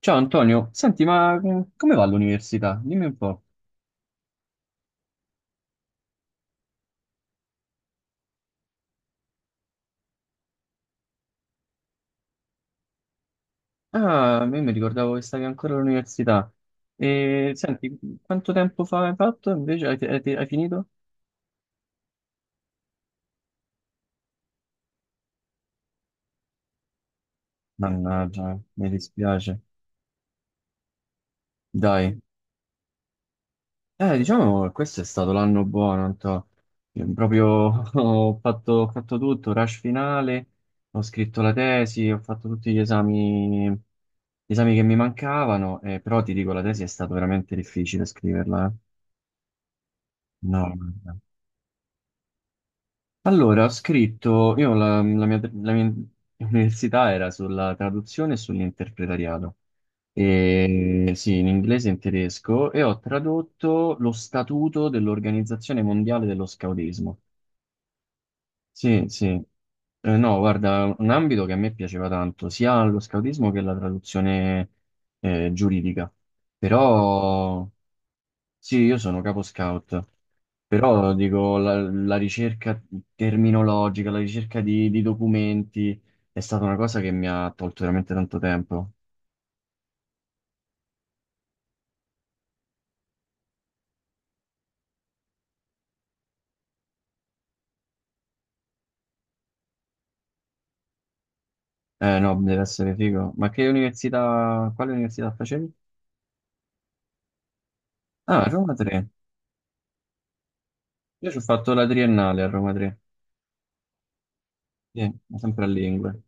Ciao Antonio, senti, ma come va l'università? Dimmi un po'. Ah, a me mi ricordavo che stavi ancora all'università. E senti, quanto tempo fa hai fatto invece? Hai finito? Mannaggia, mi dispiace. Dai. Diciamo che questo è stato l'anno buono, Anto. Io proprio ho fatto tutto, rush finale, ho scritto la tesi, ho fatto tutti gli esami che mi mancavano, però ti dico, la tesi è stato veramente difficile scriverla, eh. No, no, no. Allora, io la mia università era sulla traduzione e sull'interpretariato. E, sì, in inglese e in tedesco, e ho tradotto lo statuto dell'Organizzazione Mondiale dello Scautismo. Sì, sì. No, guarda, un ambito che a me piaceva tanto, sia lo scautismo che la traduzione giuridica, però sì, io sono capo scout, però dico, la ricerca terminologica, la ricerca di documenti è stata una cosa che mi ha tolto veramente tanto tempo. Eh no, deve essere figo. Ma quale università facevi? Ah, Roma 3. Io ci ho fatto la triennale a Roma 3. Sì, ma sempre a lingue.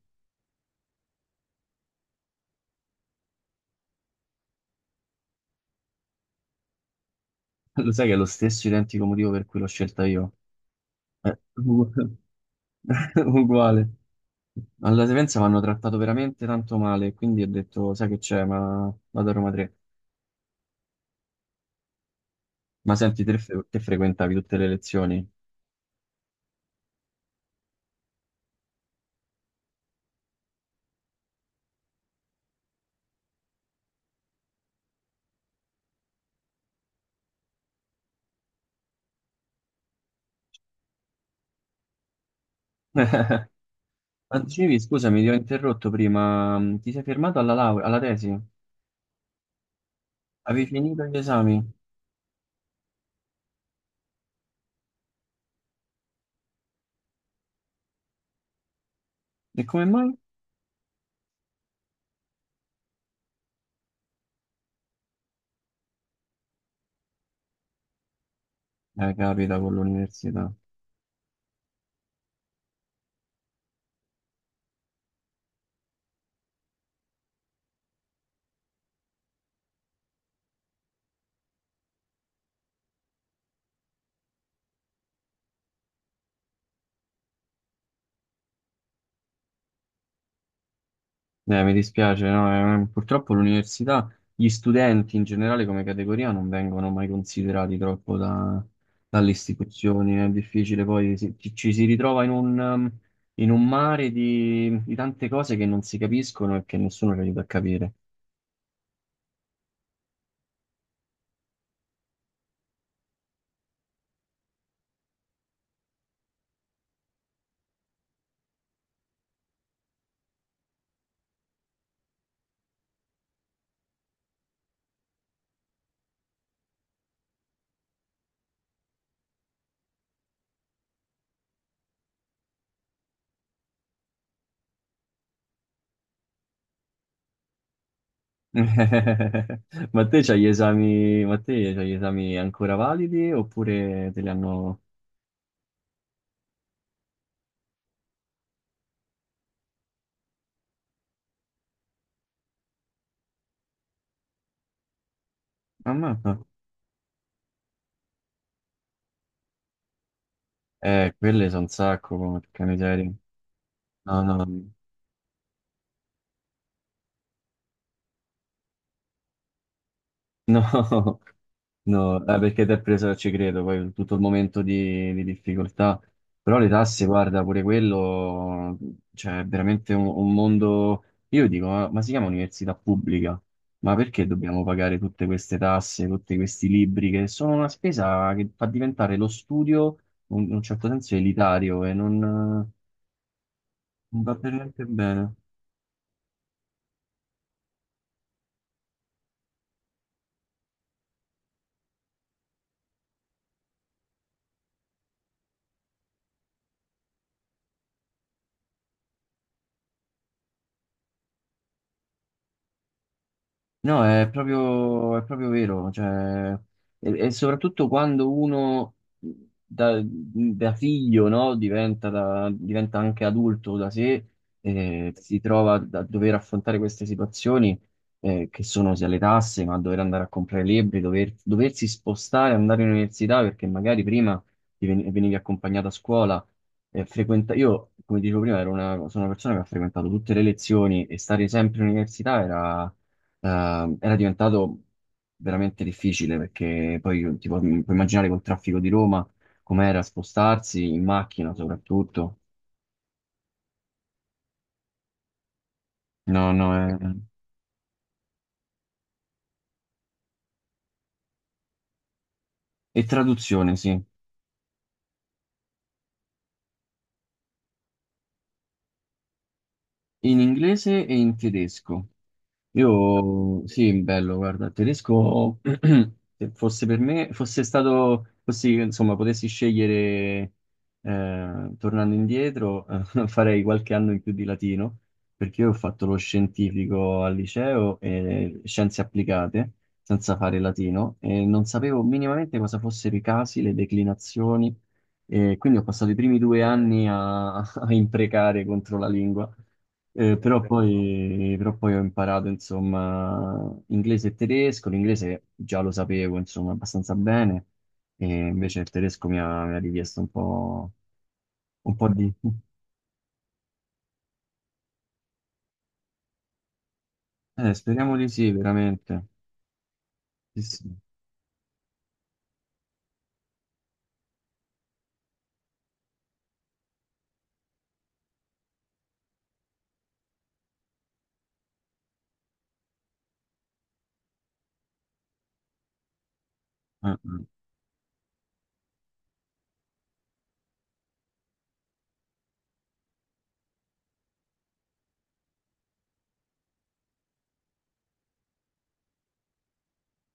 Lo sai che è lo stesso identico motivo per cui l'ho scelta io. Eh, ugu- Uguale. Alla Sapienza mi hanno trattato veramente tanto male, quindi ho detto, sai che c'è, ma vado a Roma 3. Ma senti, te, te frequentavi tutte le lezioni? Ma dicevi, scusami, ti ho interrotto prima, ti sei fermato alla laurea, alla tesi? Avevi finito gli esami? E come mai? Capita con l'università. Mi dispiace, no? Purtroppo l'università, gli studenti in generale come categoria non vengono mai considerati troppo dalle istituzioni, è difficile poi, ci si ritrova in un mare di tante cose che non si capiscono e che nessuno ci aiuta a capire. Ma te c'hai gli esami ancora validi oppure te li hanno. Ammazza. Quelle sono un sacco, porca miseria. No, no. No, no, perché ti è preso, ci credo, poi tutto il momento di difficoltà. Però le tasse, guarda, pure quello, cioè, è veramente un mondo. Io dico, ma si chiama università pubblica? Ma perché dobbiamo pagare tutte queste tasse, tutti questi libri, che sono una spesa che fa diventare lo studio, in un certo senso, elitario e non va per niente bene. No, è proprio vero, cioè, e soprattutto quando uno da figlio, no, diventa anche adulto da sé, si trova a dover affrontare queste situazioni, che sono sia le tasse, ma dover andare a comprare libri, doversi spostare, andare all'università, perché magari prima ti venivi accompagnato a scuola, io, come dicevo prima, sono una persona che ha frequentato tutte le lezioni e stare sempre in università era era diventato veramente difficile perché poi tipo, puoi immaginare col traffico di Roma com'era spostarsi in macchina soprattutto. No, no, è. E traduzione, sì, in inglese e in tedesco. Io sì, bello, guarda, il tedesco, se fosse per me, fosse stato, fossi, insomma, potessi scegliere, tornando indietro, farei qualche anno in più di latino, perché io ho fatto lo scientifico al liceo e scienze applicate, senza fare latino, e non sapevo minimamente cosa fossero i casi, le declinazioni, e quindi ho passato i primi 2 anni a, a imprecare contro la lingua. Però poi ho imparato, insomma, inglese e tedesco. L'inglese già lo sapevo, insomma, abbastanza bene, e invece il tedesco mi ha richiesto un po' di. Speriamo di sì, veramente. Sì, sì. Eh.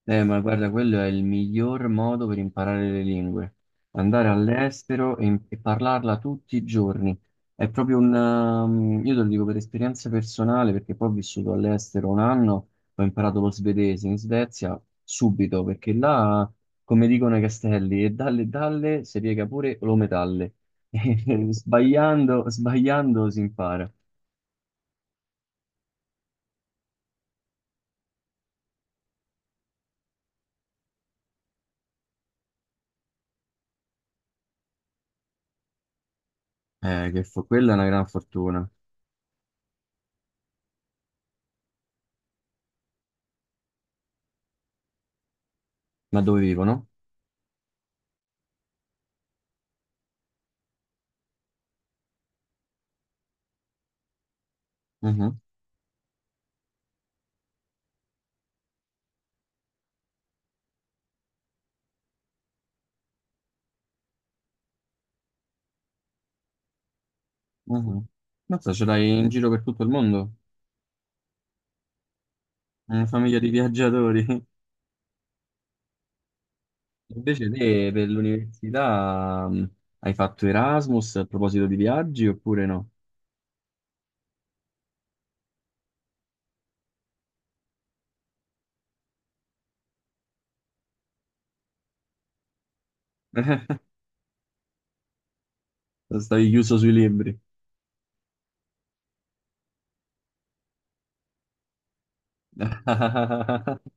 Ma guarda, quello è il miglior modo per imparare le lingue. Andare all'estero e parlarla tutti i giorni. È proprio un... um, io te lo dico per esperienza personale, perché poi ho vissuto all'estero un anno, ho imparato lo svedese in Svezia subito, perché là, come dicono i castelli, e dalle dalle si piega pure lo metalle. E sbagliando si impara. Quella è una gran fortuna. Ma dove vivono? Mhm. Mazza, ce l'hai in giro per tutto il mondo? Una famiglia di viaggiatori. Invece te per l'università hai fatto Erasmus a proposito di viaggi oppure no? Stavi chiuso sui libri.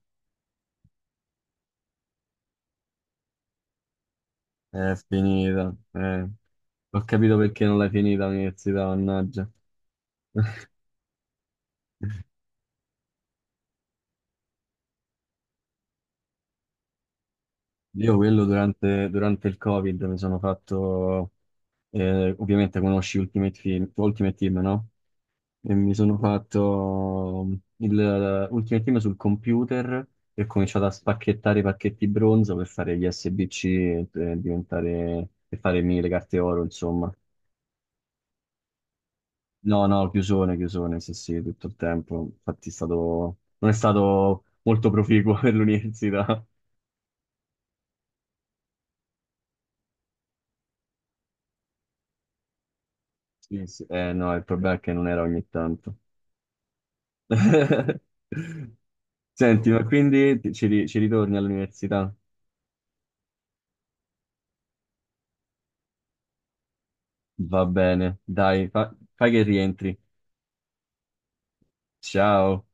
È finita. Eh. Ho capito perché non l'hai finita l'università, mannaggia. Io quello durante il Covid mi sono fatto, ovviamente conosci Ultimate Team, Ultimate Team, no? E mi sono fatto l'ultima team sul computer e ho cominciato a spacchettare i pacchetti bronzo per fare gli SBC e per farmi le carte oro, insomma. No, no, chiusone, chiusone, sì, sì, tutto il tempo. Infatti non è stato molto proficuo per l'università. Sì, sì. Eh no, il problema è che non era ogni tanto. Senti, ma quindi ci ritorni all'università? Va bene, dai, fai che rientri. Ciao.